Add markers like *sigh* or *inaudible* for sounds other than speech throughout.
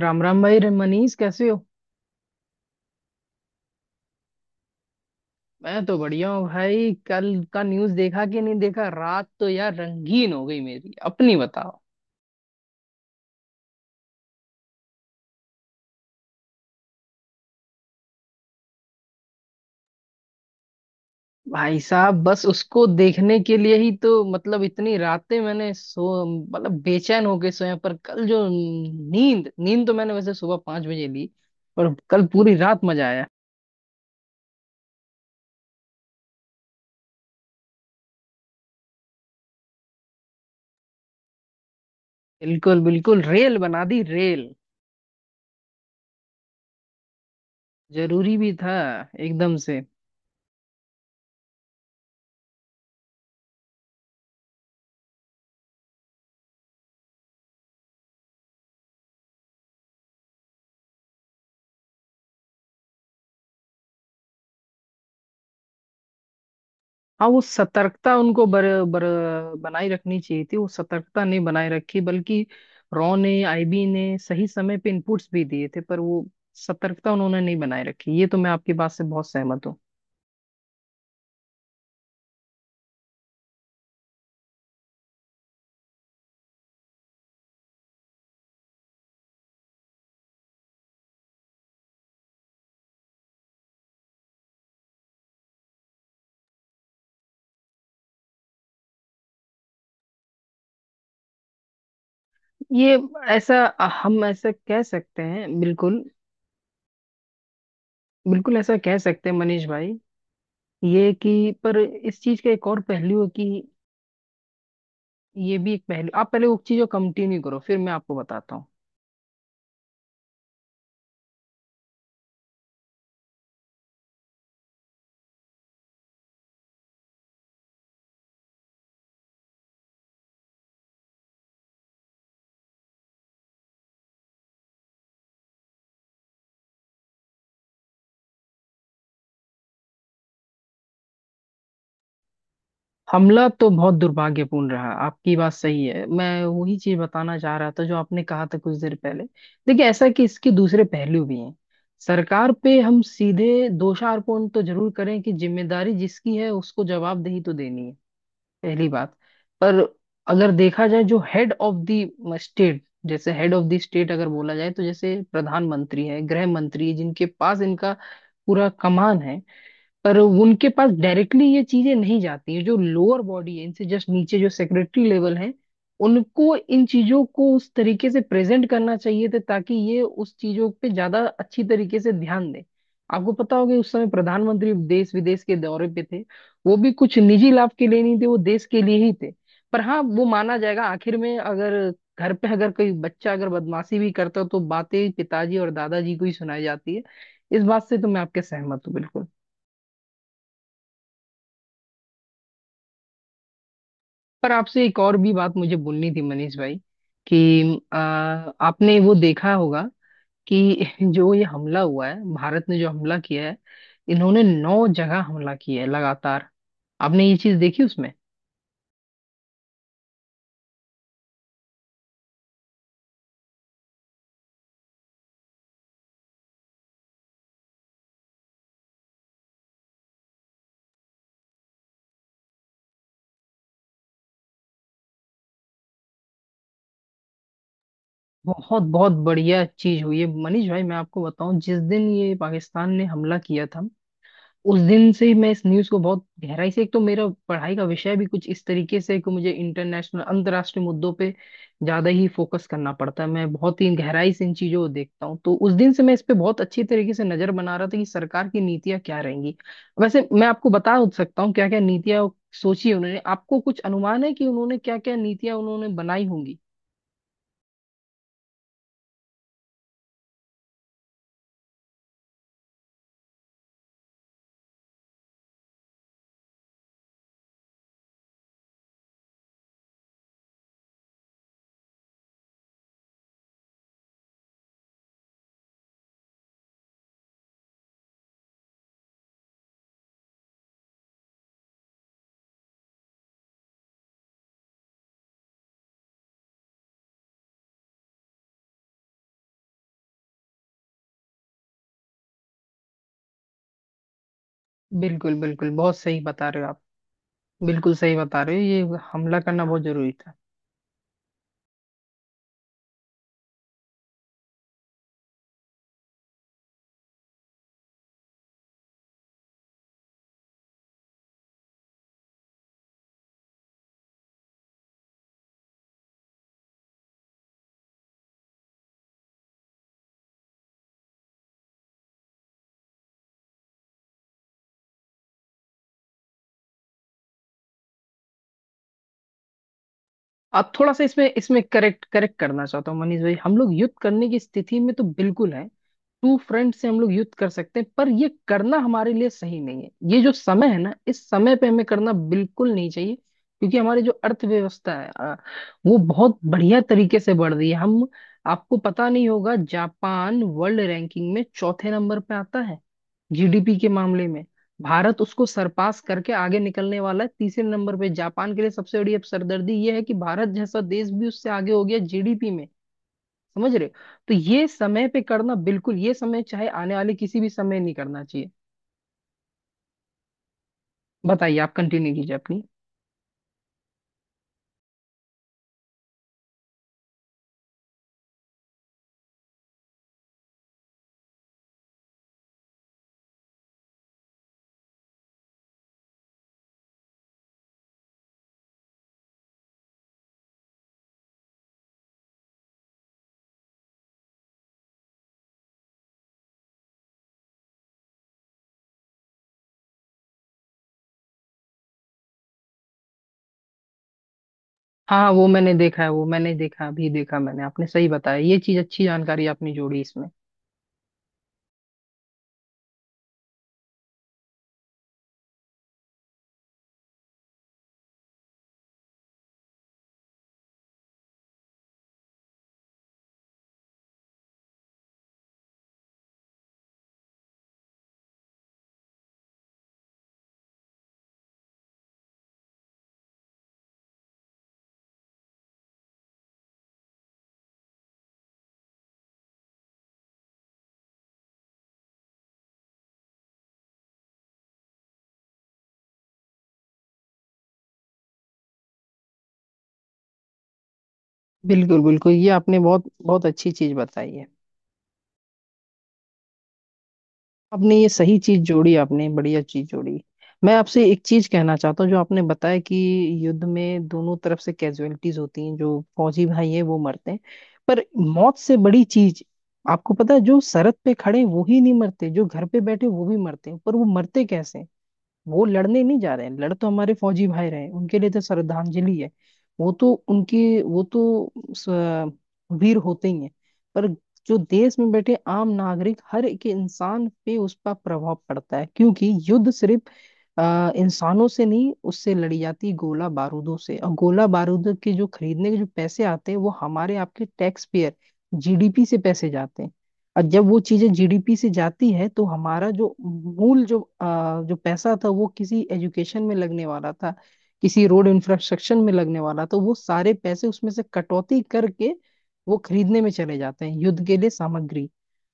राम राम भाई रे- मनीष कैसे हो। मैं तो बढ़िया हूँ भाई। कल का न्यूज़ देखा कि नहीं देखा? रात तो यार रंगीन हो गई। मेरी अपनी बताओ। भाई साहब बस उसको देखने के लिए ही तो मतलब इतनी रातें मैंने सो मतलब बेचैन होके सोया। पर कल जो नींद नींद तो मैंने वैसे सुबह 5 बजे ली। पर कल पूरी रात मजा आया। बिल्कुल बिल्कुल, रेल बना दी रेल। जरूरी भी था। एकदम से। हाँ, वो सतर्कता उनको बर, बर, बनाए रखनी चाहिए थी। वो सतर्कता नहीं बनाए रखी, बल्कि रॉ ने आईबी ने सही समय पे इनपुट्स भी दिए थे, पर वो सतर्कता उन्होंने नहीं बनाए रखी। ये तो मैं आपकी बात से बहुत सहमत हूँ। ये ऐसा, हम ऐसा कह सकते हैं। बिल्कुल बिल्कुल ऐसा कह सकते हैं मनीष भाई। ये कि पर इस चीज का एक और पहलू है कि ये भी एक पहलू। आप पहले उस चीज को कंटिन्यू करो, फिर मैं आपको बताता हूँ। हमला तो बहुत दुर्भाग्यपूर्ण रहा, आपकी बात सही है। मैं वही चीज बताना चाह रहा था जो आपने कहा था कुछ देर पहले। देखिए, ऐसा है कि इसके दूसरे पहलू भी हैं। सरकार पे हम सीधे दोषारोपण तो जरूर करें कि जिम्मेदारी जिसकी है उसको जवाबदेही तो देनी है, पहली बात। पर अगर देखा जाए जो हेड ऑफ द स्टेट, जैसे हेड ऑफ द स्टेट अगर बोला जाए तो जैसे प्रधानमंत्री है, गृह मंत्री है, जिनके पास इनका पूरा कमान है। पर उनके पास डायरेक्टली ये चीजें नहीं जाती है। जो लोअर बॉडी है इनसे जस्ट नीचे जो सेक्रेटरी लेवल है, उनको इन चीजों को उस तरीके से प्रेजेंट करना चाहिए था, ताकि ये उस चीजों पे ज्यादा अच्छी तरीके से ध्यान दें। आपको पता होगा उस समय प्रधानमंत्री देश विदेश के दौरे पे थे। वो भी कुछ निजी लाभ के लिए नहीं थे, वो देश के लिए ही थे। पर हाँ, वो माना जाएगा आखिर में। अगर घर पे अगर कोई बच्चा अगर बदमाशी भी करता तो बातें पिताजी और दादाजी को ही सुनाई जाती है। इस बात से तो मैं आपके सहमत हूँ बिल्कुल। पर आपसे एक और भी बात मुझे बोलनी थी मनीष भाई कि आपने वो देखा होगा कि *laughs* जो ये हमला हुआ है, भारत ने जो हमला किया है, इन्होंने 9 जगह हमला किया है लगातार। आपने ये चीज देखी उसमें? बहुत बहुत बढ़िया चीज हुई है मनीष भाई। मैं आपको बताऊं, जिस दिन ये पाकिस्तान ने हमला किया था, उस दिन से ही मैं इस न्यूज़ को बहुत गहराई से, एक तो मेरा पढ़ाई का विषय भी कुछ इस तरीके से है कि मुझे इंटरनेशनल अंतर्राष्ट्रीय मुद्दों पे ज्यादा ही फोकस करना पड़ता है। मैं बहुत ही गहराई से इन चीजों को देखता हूँ, तो उस दिन से मैं इस पे बहुत अच्छी तरीके से नजर बना रहा था कि सरकार की नीतियां क्या रहेंगी। वैसे मैं आपको बता सकता हूँ क्या क्या नीतियां सोची है उन्होंने। आपको कुछ अनुमान है कि उन्होंने क्या क्या नीतियां उन्होंने बनाई होंगी? बिल्कुल बिल्कुल, बहुत सही बता रहे हो आप। बिल्कुल सही बता रहे हो, ये हमला करना बहुत जरूरी था। आप थोड़ा सा इसमें इसमें करेक्ट करेक्ट करना चाहता हूँ मनीष भाई। हम लोग युद्ध करने की स्थिति में तो बिल्कुल है। टू फ्रंट से हम लोग युद्ध कर सकते हैं, पर ये करना हमारे लिए सही नहीं है। ये जो समय है ना, इस समय पे हमें करना बिल्कुल नहीं चाहिए। क्योंकि हमारी जो अर्थव्यवस्था है वो बहुत बढ़िया तरीके से बढ़ रही है। हम, आपको पता नहीं होगा, जापान वर्ल्ड रैंकिंग में चौथे नंबर पे आता है जीडीपी के मामले में। भारत उसको सरपास करके आगे निकलने वाला है तीसरे नंबर पे। जापान के लिए सबसे बड़ी अब सरदर्दी ये है कि भारत जैसा देश भी उससे आगे हो गया जीडीपी में। समझ रहे हो? तो ये समय पे करना बिल्कुल, ये समय चाहे आने वाले किसी भी समय नहीं करना चाहिए। बताइए, आप कंटिन्यू कीजिए अपनी। हाँ वो मैंने देखा है, वो मैंने देखा अभी, देखा मैंने। आपने सही बताया, ये चीज अच्छी जानकारी आपने जोड़ी इसमें। बिल्कुल बिल्कुल, ये आपने बहुत बहुत अच्छी चीज बताई है। आपने ये सही चीज जोड़ी, आपने बढ़िया चीज जोड़ी। मैं आपसे एक चीज कहना चाहता हूँ, जो आपने बताया कि युद्ध में दोनों तरफ से कैजुअलिटीज होती हैं, जो फौजी भाई हैं वो मरते हैं। पर मौत से बड़ी चीज, आपको पता है, जो सरहद पे खड़े हैं, वो ही नहीं मरते, जो घर पे बैठे वो भी मरते हैं। पर वो मरते कैसे हैं? वो लड़ने नहीं जा रहे हैं, लड़ तो हमारे फौजी भाई रहे हैं, उनके लिए तो श्रद्धांजलि है। वो तो उनके, वीर होते ही हैं। पर जो देश में बैठे आम नागरिक, हर एक इंसान पे उसका प्रभाव पड़ता है, क्योंकि युद्ध सिर्फ इंसानों से नहीं उससे लड़ी जाती, गोला बारूदों से, और गोला बारूद के जो खरीदने के जो पैसे आते हैं वो हमारे आपके टैक्स पेयर, जीडीपी से पैसे जाते हैं। और जब वो चीजें जीडीपी से जाती है तो हमारा जो मूल जो जो पैसा था वो किसी एजुकेशन में लगने वाला था, किसी रोड इंफ्रास्ट्रक्चर में लगने वाला, तो वो सारे पैसे उसमें से कटौती करके वो खरीदने में चले जाते हैं युद्ध के लिए सामग्री।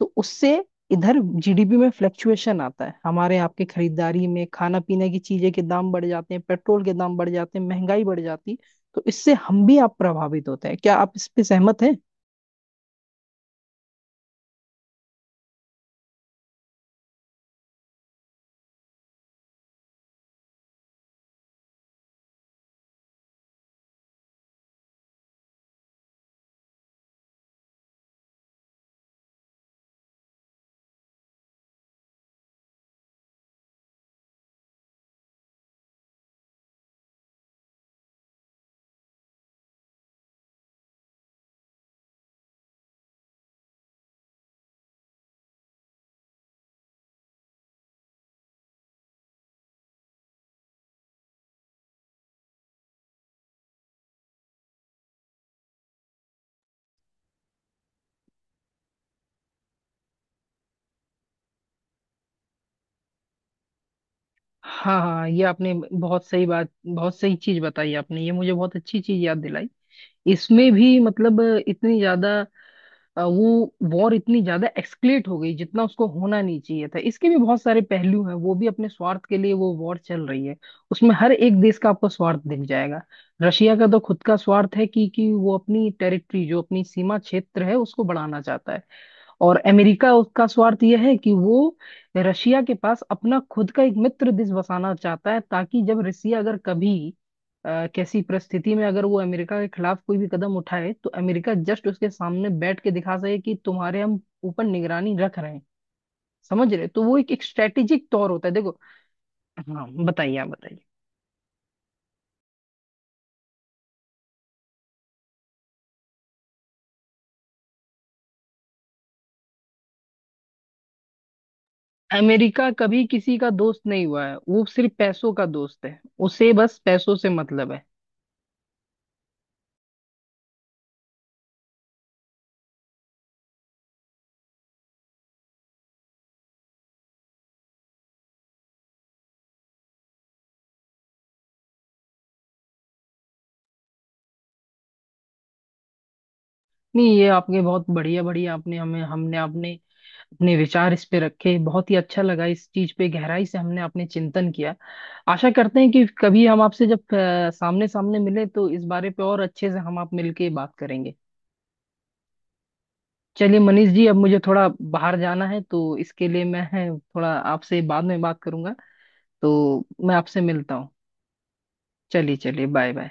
तो उससे इधर जीडीपी में फ्लक्चुएशन आता है, हमारे आपके खरीदारी में खाना पीने की चीजें के दाम बढ़ जाते हैं, पेट्रोल के दाम बढ़ जाते हैं, महंगाई बढ़ जाती है। तो इससे हम भी आप प्रभावित होते हैं, क्या आप इस पे सहमत हैं? हाँ हाँ, ये आपने बहुत सही बात, बहुत सही चीज बताई आपने, ये मुझे बहुत अच्छी चीज याद दिलाई। इसमें भी मतलब इतनी ज्यादा वो वॉर इतनी ज्यादा एक्सक्लेट हो गई जितना उसको होना नहीं चाहिए था। इसके भी बहुत सारे पहलू हैं, वो भी अपने स्वार्थ के लिए वो वॉर चल रही है। उसमें हर एक देश का आपको स्वार्थ दिख जाएगा। रशिया का तो खुद का स्वार्थ है कि वो अपनी टेरिटरी, जो अपनी सीमा क्षेत्र है उसको बढ़ाना चाहता है। और अमेरिका, उसका स्वार्थ यह है कि वो रशिया के पास अपना खुद का एक मित्र देश बसाना चाहता है, ताकि जब रसिया अगर कभी कैसी परिस्थिति में अगर वो अमेरिका के खिलाफ कोई भी कदम उठाए तो अमेरिका जस्ट उसके सामने बैठ के दिखा सके कि तुम्हारे हम ऊपर निगरानी रख रहे हैं। समझ रहे हो? तो वो एक स्ट्रेटेजिक तौर होता है देखो। हाँ बताइए, आप बताइए। अमेरिका कभी किसी का दोस्त नहीं हुआ है, वो सिर्फ पैसों का दोस्त है। उसे बस पैसों से मतलब है। नहीं ये आपने बहुत बढ़िया, बढ़िया आपने, हमें हमने आपने अपने विचार इस पे रखे, बहुत ही अच्छा लगा। इस चीज पे गहराई से हमने अपने चिंतन किया। आशा करते हैं कि कभी हम आपसे जब सामने सामने मिले तो इस बारे पे और अच्छे से हम आप मिलके बात करेंगे। चलिए मनीष जी, अब मुझे थोड़ा बाहर जाना है, तो इसके लिए मैं थोड़ा आपसे बाद में बात करूंगा, तो मैं आपसे मिलता हूँ। चलिए चलिए, बाय बाय।